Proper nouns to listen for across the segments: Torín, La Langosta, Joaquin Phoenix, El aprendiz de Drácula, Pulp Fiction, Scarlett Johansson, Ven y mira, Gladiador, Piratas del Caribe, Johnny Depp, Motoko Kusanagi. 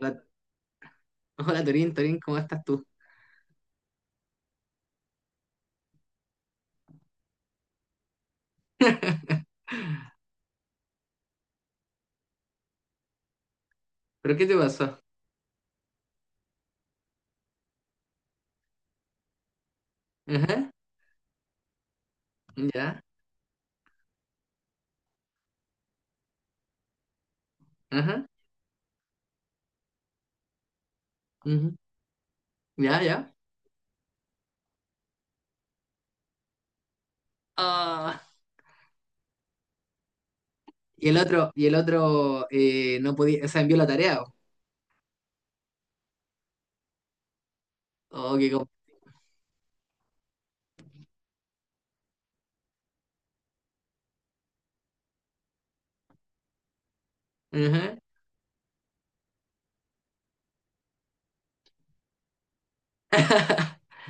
Hola, hola, Torín, ¿cómo estás tú? ¿Pero qué te pasó? Ajá, ya, ajá, ujú, ya. Ah, y el otro no podía, o sea, envió la tarea. Oh, qué com- Ajá.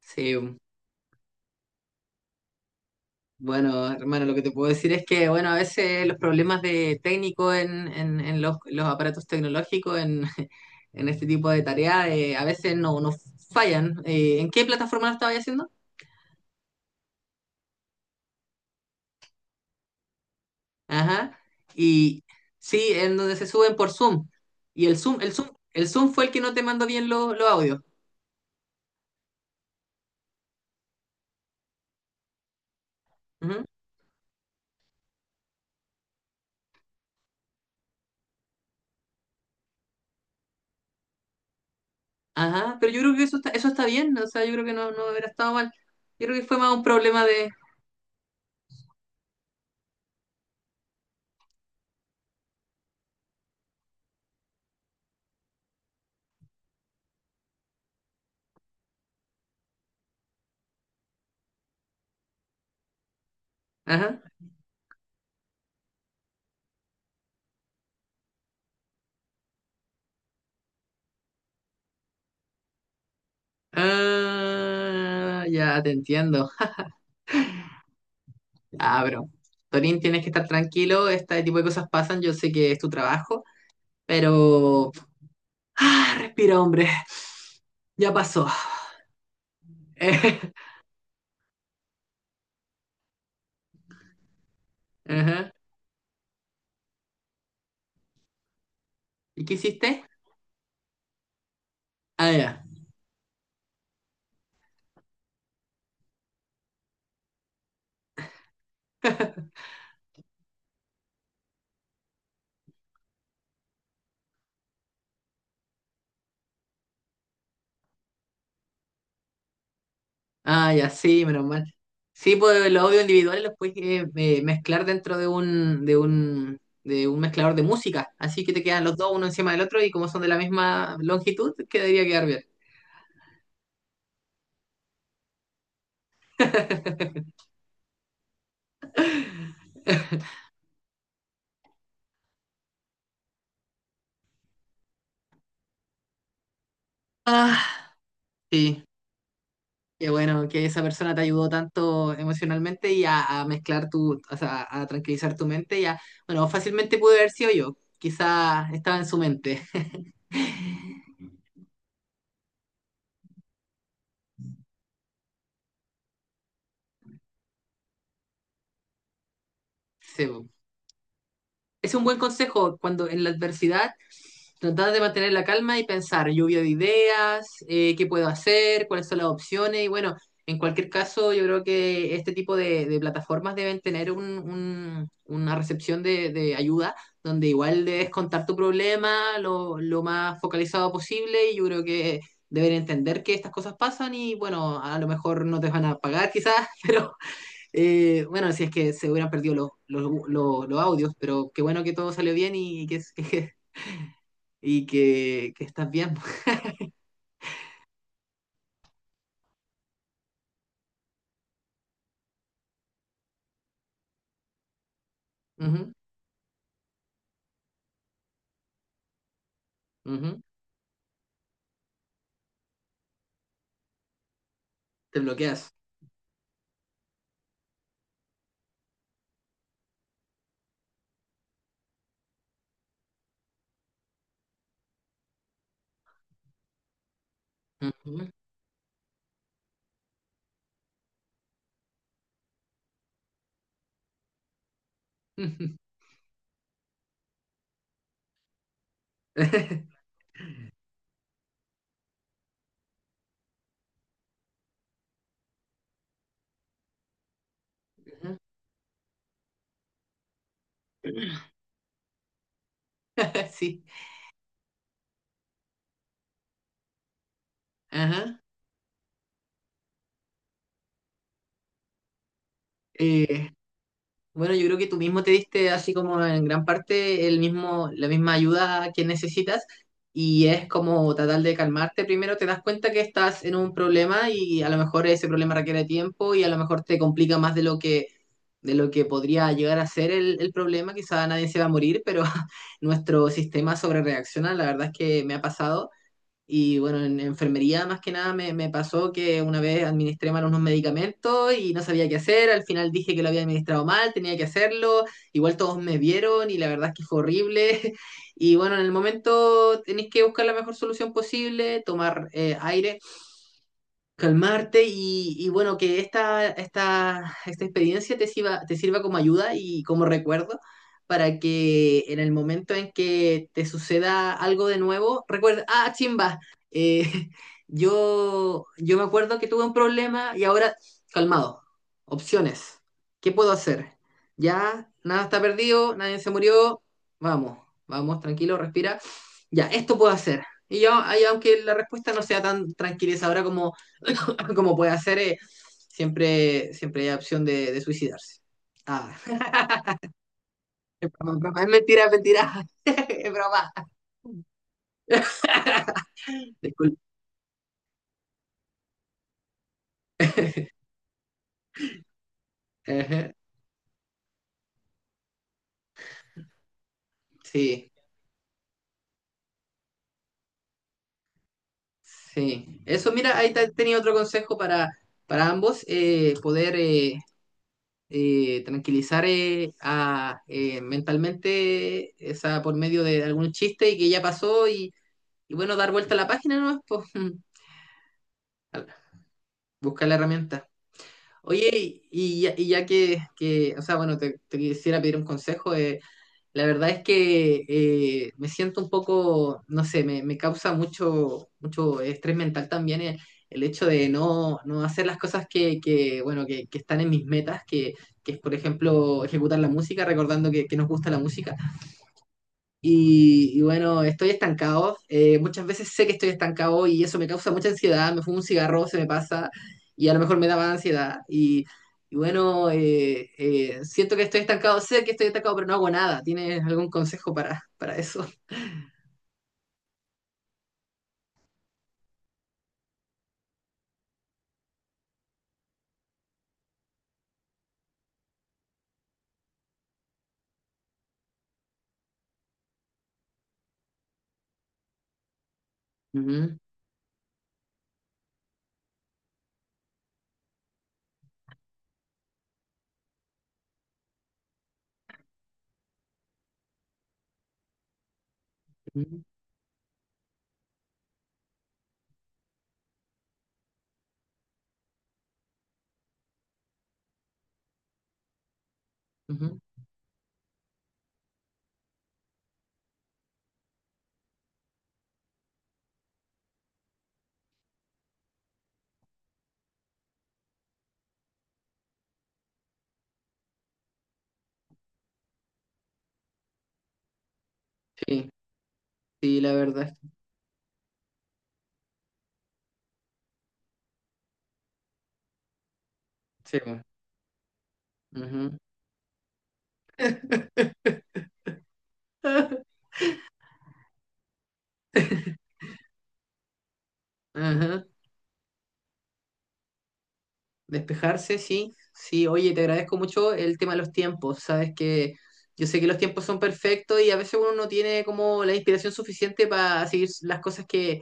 Sí, bueno, hermano, lo que te puedo decir es que, bueno, a veces los problemas de técnico en los aparatos tecnológicos, en, en este tipo de tareas, a veces no, no fallan. ¿En qué plataforma lo estabas haciendo? Ajá. Y sí, en donde se suben por Zoom. Y el Zoom fue el que no te mandó bien los audios. Ujú. Ajá, pero yo creo que eso está bien, o sea, yo creo que no, no hubiera estado mal. Yo creo que fue más un problema de... Ajá. Ah, ya te entiendo. Ah, bro. Torín, tienes que estar tranquilo, este tipo de cosas pasan, yo sé que es tu trabajo, pero... Ah, respira, hombre, ya pasó. Ajá. ¿Y qué hiciste? Ah, ya. Ah, ya, sí, menos mal. Sí, pues los audios individuales los puedes mezclar dentro de un mezclador de música. Así que te quedan los dos uno encima del otro y como son de la misma longitud, quedaría quedar bien. Ah, sí. Qué bueno que esa persona te ayudó tanto emocionalmente y a mezclar tu, o sea, a tranquilizar tu mente y a, bueno, fácilmente pude haber sido yo. Quizá estaba en su mente. Sí, po. Es un buen consejo cuando en la adversidad. Tratar de mantener la calma y pensar, lluvia de ideas, qué puedo hacer, cuáles son las opciones. Y bueno, en cualquier caso, yo creo que este tipo de plataformas deben tener un- una recepción de ayuda, donde igual debes contar tu problema lo más focalizado posible. Y yo creo que deben entender que estas cosas pasan y bueno, a lo mejor no te van a pagar quizás, pero bueno, si es que se hubieran perdido los audios, pero qué bueno que todo salió bien y que, que y que, que estás bien. Ujú, ujú. Te bloqueas. Ujú, ujú. Sí. Ajá. Eh, Bueno, yo creo que tú mismo te diste así como en gran parte el mismo, la misma ayuda que necesitas y es como tratar de calmarte. Primero te das cuenta que estás en un problema y a lo mejor ese problema requiere tiempo y a lo mejor te complica más de lo que podría llegar a ser el problema. Quizá nadie se va a morir, pero nuestro sistema sobrereacciona. La verdad es que me ha pasado. Y bueno, en enfermería más que nada me, me pasó que una vez administré mal unos medicamentos y no sabía qué hacer. Al final dije que lo había administrado mal, tenía que hacerlo. Igual todos me vieron y la verdad es que fue horrible. Y bueno, en el momento tenéis que buscar la mejor solución posible, tomar aire, calmarte y bueno, que esta experiencia te sirva como ayuda y como recuerdo para que en el momento en que te suceda algo de nuevo, recuerda, ah, chimba, eh, yo me acuerdo que tuve un problema y ahora, calmado, opciones, ¿qué puedo hacer? Ya, nada está perdido, nadie se murió, vamos, vamos, tranquilo, respira, ya, esto puedo hacer. Y yo, ahí, aunque la respuesta no sea tan tranquilizadora como como puede hacer, siempre, siempre hay opción de suicidarse. Ah, es mentira, es mentira. Es broma. Disculpe. Ajá, sí, sí. Eso, mira, ahí te- tenía otro consejo para ambos, poder tranquilizar a, mentalmente esa, por medio de algún chiste y que ya pasó y bueno, dar vuelta a la página, ¿no? Pues, buscar la herramienta. Oye, y ya, y ya que, o sea, bueno, te quisiera pedir un consejo. La verdad es que me siento un poco, no sé, me causa mucho, mucho estrés mental también el hecho de no, no hacer las cosas que, bueno, que están en mis metas, que es, por ejemplo, ejecutar la música, recordando que nos gusta la música. Y bueno, estoy estancado. Muchas veces sé que estoy estancado y eso me causa mucha ansiedad. Me fumo un cigarro, se me pasa y a lo mejor me da más ansiedad. Y bueno, siento que estoy estancado, sé que estoy estancado, pero no hago nada. ¿Tienes algún consejo para eso? Ujú, ujú, ujú. Sí, sí, la verdad. Sí. Ujú. Ajá. Despejarse, sí, sí. Oye, te agradezco mucho el tema de los tiempos. Sabes que yo sé que los tiempos son perfectos y a veces uno no tiene como la inspiración suficiente para seguir las cosas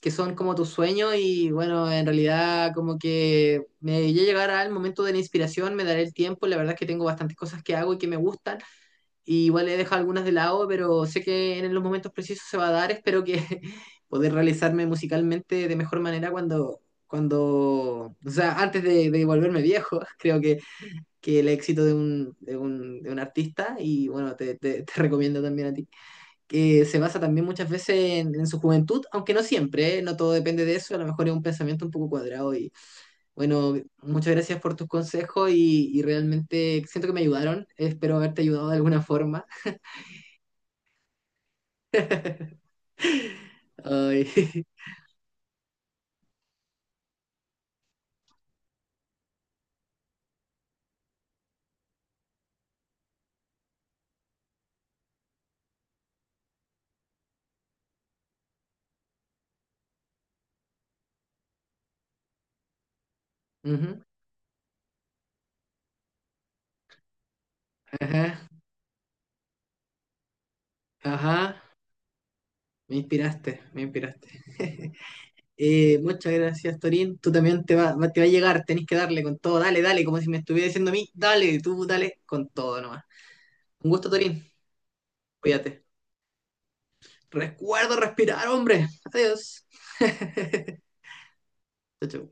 que son como tus sueños y bueno, en realidad como que me ya llegará el momento de la inspiración, me daré el tiempo. La verdad es que tengo bastantes cosas que hago y que me gustan y igual he dejado algunas de lado, pero sé que en los momentos precisos se va a dar. Espero que poder realizarme musicalmente de mejor manera cuando, cuando, o sea, antes de volverme viejo. Creo que el éxito de un, de un, de un artista, y bueno, te- te recomiendo también a ti, que se basa también muchas veces en su juventud, aunque no siempre, ¿eh? No todo depende de eso, a lo mejor es un pensamiento un poco cuadrado y bueno, muchas gracias por tus consejos y realmente siento que me ayudaron, espero haberte ayudado de alguna forma. Ay, ujú, ajá, ajá, me inspiraste, me inspiraste. Muchas gracias, Torín. Tú también te va, va- te va a llegar, tenés que darle con todo, dale, dale, como si me estuviera diciendo a mí, dale, tú dale con todo nomás. Un gusto, Torín, cuídate. Recuerdo respirar, hombre. Adiós. Chau, chau.